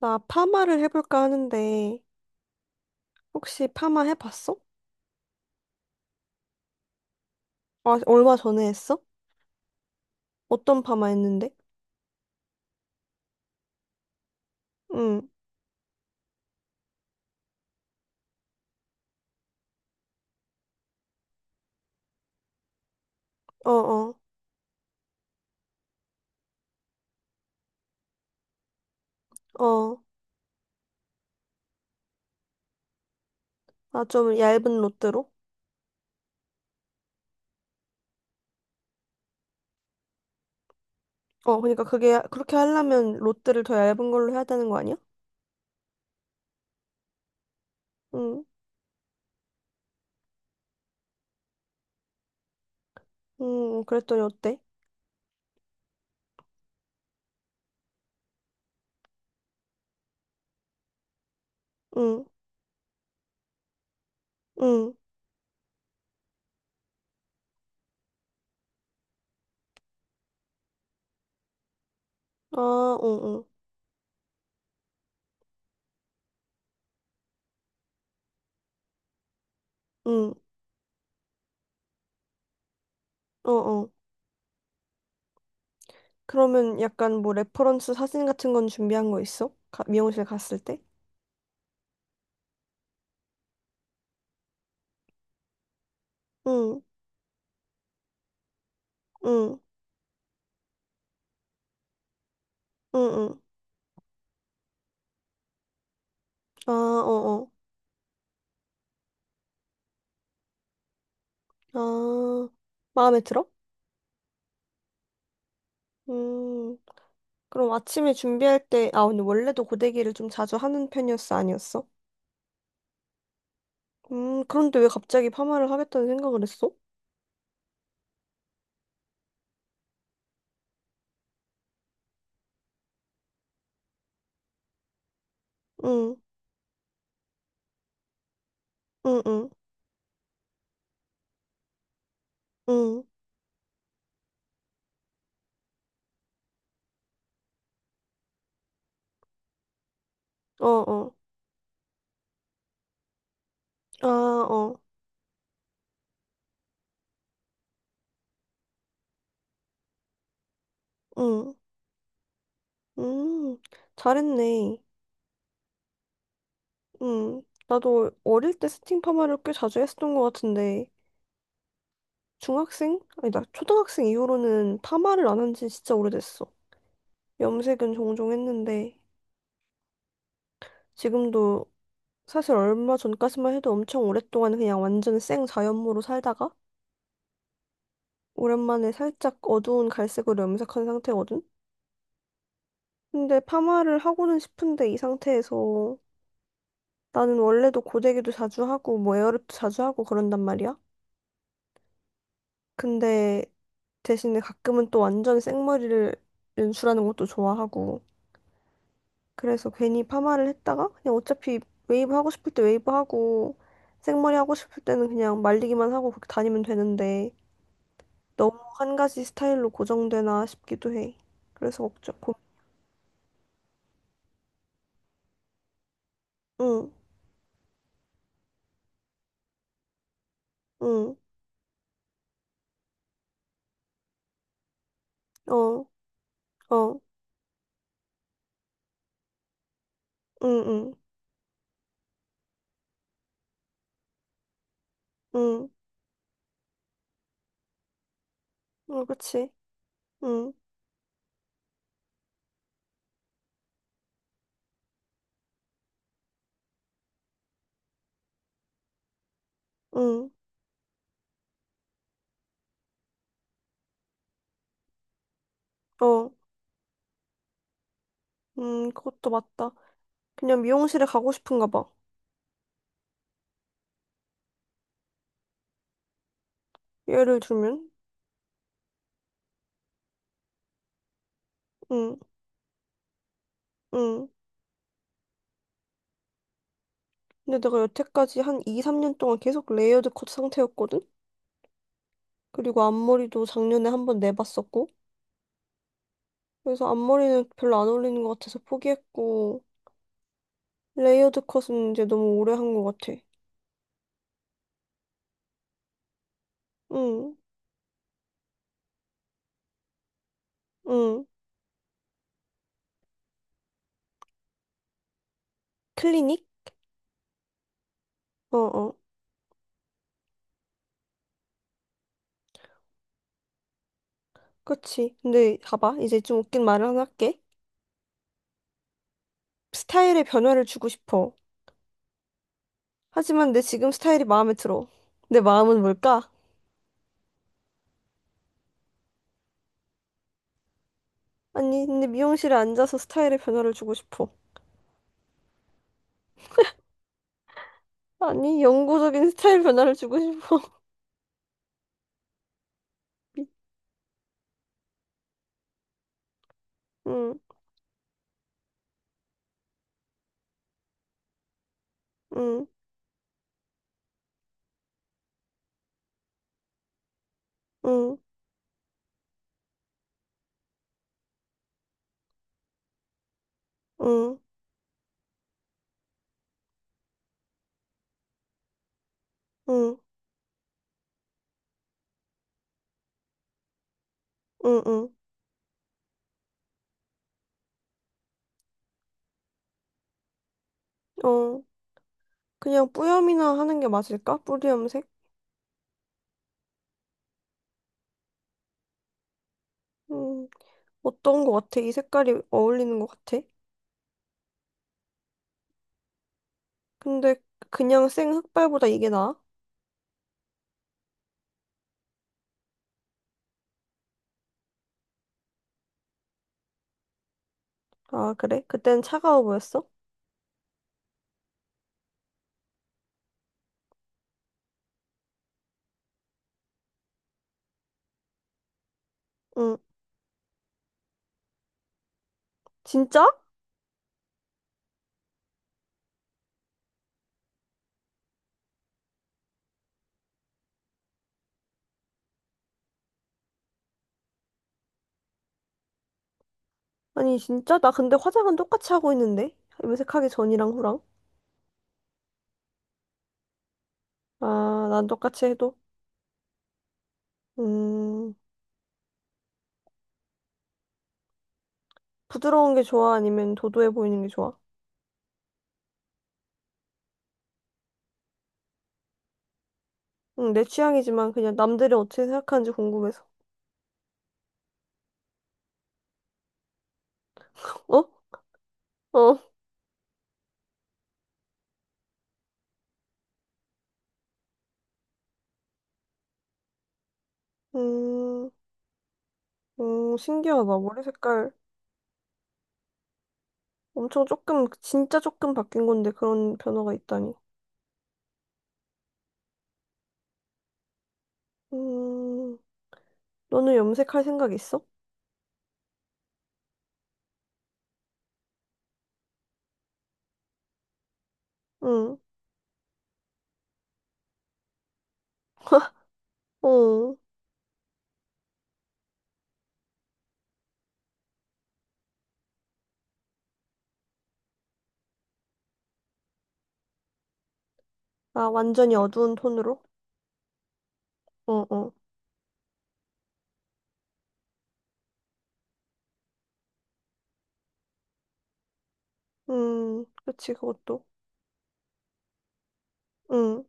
나 파마를 해볼까 하는데, 혹시 파마 해봤어? 아, 얼마 전에 했어? 어떤 파마 했는데? 응, 어어, 어. 나 좀 얇은 롯데로? 어, 그러니까 그게, 그렇게 하려면 롯데를 더 얇은 걸로 해야 되는 거 아니야? 응, 응, 응. 그랬더니 어때? 응, 응, 아, 응, 응, 응, 어어. 그러면 약간 뭐 레퍼런스 사진 같은 건 준비한 거 있어? 미용실 갔을 때? 응, 응, 응, 응. 아, 어어. 아, 마음에 들어? 음, 그럼 아침에 준비할 때, 아, 근데 원래도 고데기를 좀 자주 하는 편이었어, 아니었어? 그런데 왜 갑자기 파마를 하겠다는 생각을 했어? 응, 응, 응, 응, 어, 어, 아, 어, 응, 음, 잘했네. 음, 나도 어릴 때 스팅 파마를 꽤 자주 했었던 것 같은데, 중학생? 아니, 나 초등학생 이후로는 파마를 안 한 지 진짜 오래됐어. 염색은 종종 했는데, 지금도 사실 얼마 전까지만 해도 엄청 오랫동안 그냥 완전 생 자연모로 살다가 오랜만에 살짝 어두운 갈색으로 염색한 상태거든? 근데 파마를 하고는 싶은데 이 상태에서 나는 원래도 고데기도 자주 하고 뭐 에어랩도 자주 하고 그런단 말이야. 근데 대신에 가끔은 또 완전 생머리를 연출하는 것도 좋아하고 그래서 괜히 파마를 했다가 그냥 어차피 웨이브 하고 싶을 때 웨이브 하고 생머리 하고 싶을 때는 그냥 말리기만 하고 그렇게 다니면 되는데 너무 한 가지 스타일로 고정되나 싶기도 해. 그래서 걱정. 응, 응, 어, 어, 응, 응, 응, 어, 그치. 응, 응, 어, 그것도 맞다. 그냥 미용실에 가고 싶은가 봐. 예를 들면, 응, 응. 근데 내가 여태까지 한 2, 3년 동안 계속 레이어드 컷 상태였거든? 그리고 앞머리도 작년에 한 번 내봤었고. 그래서 앞머리는 별로 안 어울리는 것 같아서 포기했고, 레이어드 컷은 이제 너무 오래 한 것 같아. 응, 응. 클리닉? 어어. 그치. 근데 봐봐. 이제 좀 웃긴 말을 하나 할게. 스타일에 변화를 주고 싶어. 하지만 내 지금 스타일이 마음에 들어. 내 마음은 뭘까? 아니, 근데 미용실에 앉아서 스타일에 변화를 주고 싶어. 아니, 영구적인 스타일 변화를 주고 싶어. 응, 응, 응, 응, 응, 응, 응. 어, 그냥 뿌염이나 하는 게 맞을까? 뿌리염색? 음, 어떤 거 같아? 이 색깔이 어울리는 거 같아? 근데 그냥 생 흑발보다 이게 나아? 아, 그래? 그땐 차가워 보였어? 응. 진짜? 아니, 진짜? 나 근데 화장은 똑같이 하고 있는데? 염색하기 전이랑 후랑? 아, 난 똑같이 해도? 음, 부드러운 게 좋아? 아니면 도도해 보이는 게 좋아? 응, 내 취향이지만 그냥 남들이 어떻게 생각하는지 궁금해서. 어? 어. 음, 신기하다. 머리 색깔 엄청 조금, 진짜 조금 바뀐 건데 그런 변화가 있다니. 음, 너는 염색할 생각 있어? 응. 어. 아, 완전히 어두운 톤으로? 어, 어. 그치, 그것도. 응,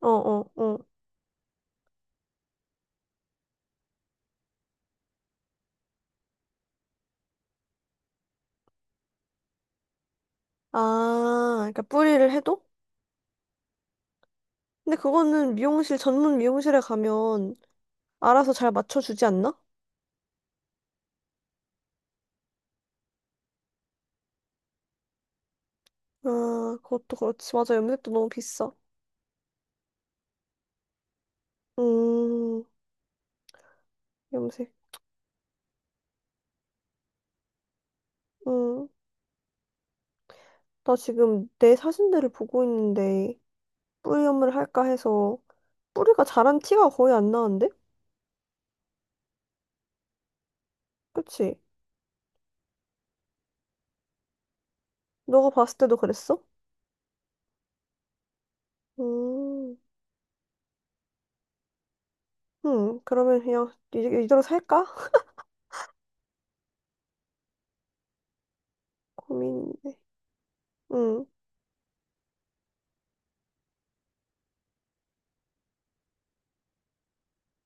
어, 어, 어. 아, 그러니까 뿌리를 해도? 근데 그거는 미용실, 전문 미용실에 가면 알아서 잘 맞춰주지 않나? 아, 그것도 그렇지. 맞아, 염색도 너무 비싸. 음, 염색. 음. 나 지금 내 사진들을 보고 있는데 뿌리 염을 할까 해서 뿌리가 자란 티가 거의 안 나는데? 그치? 너가 봤을 때도 그랬어? 음, 그러면 그냥 이대로 살까? 고민이네. 음.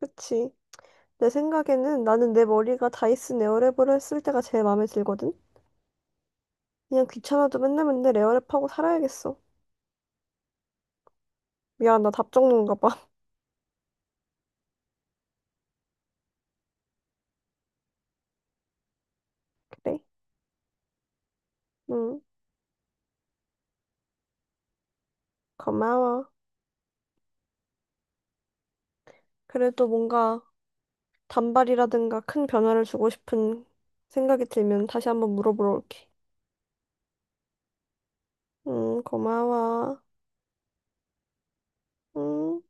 그치. 내 생각에는 나는 내 머리가 다이슨 에어랩으로 했을 때가 제일 마음에 들거든? 그냥 귀찮아도 맨날 맨날 에어랩하고 살아야겠어. 미안, 나 답정론가 봐. 그래? 응, 고마워. 그래도 뭔가 단발이라든가 큰 변화를 주고 싶은 생각이 들면 다시 한번 물어보러 올게. 응, 고마워. 응.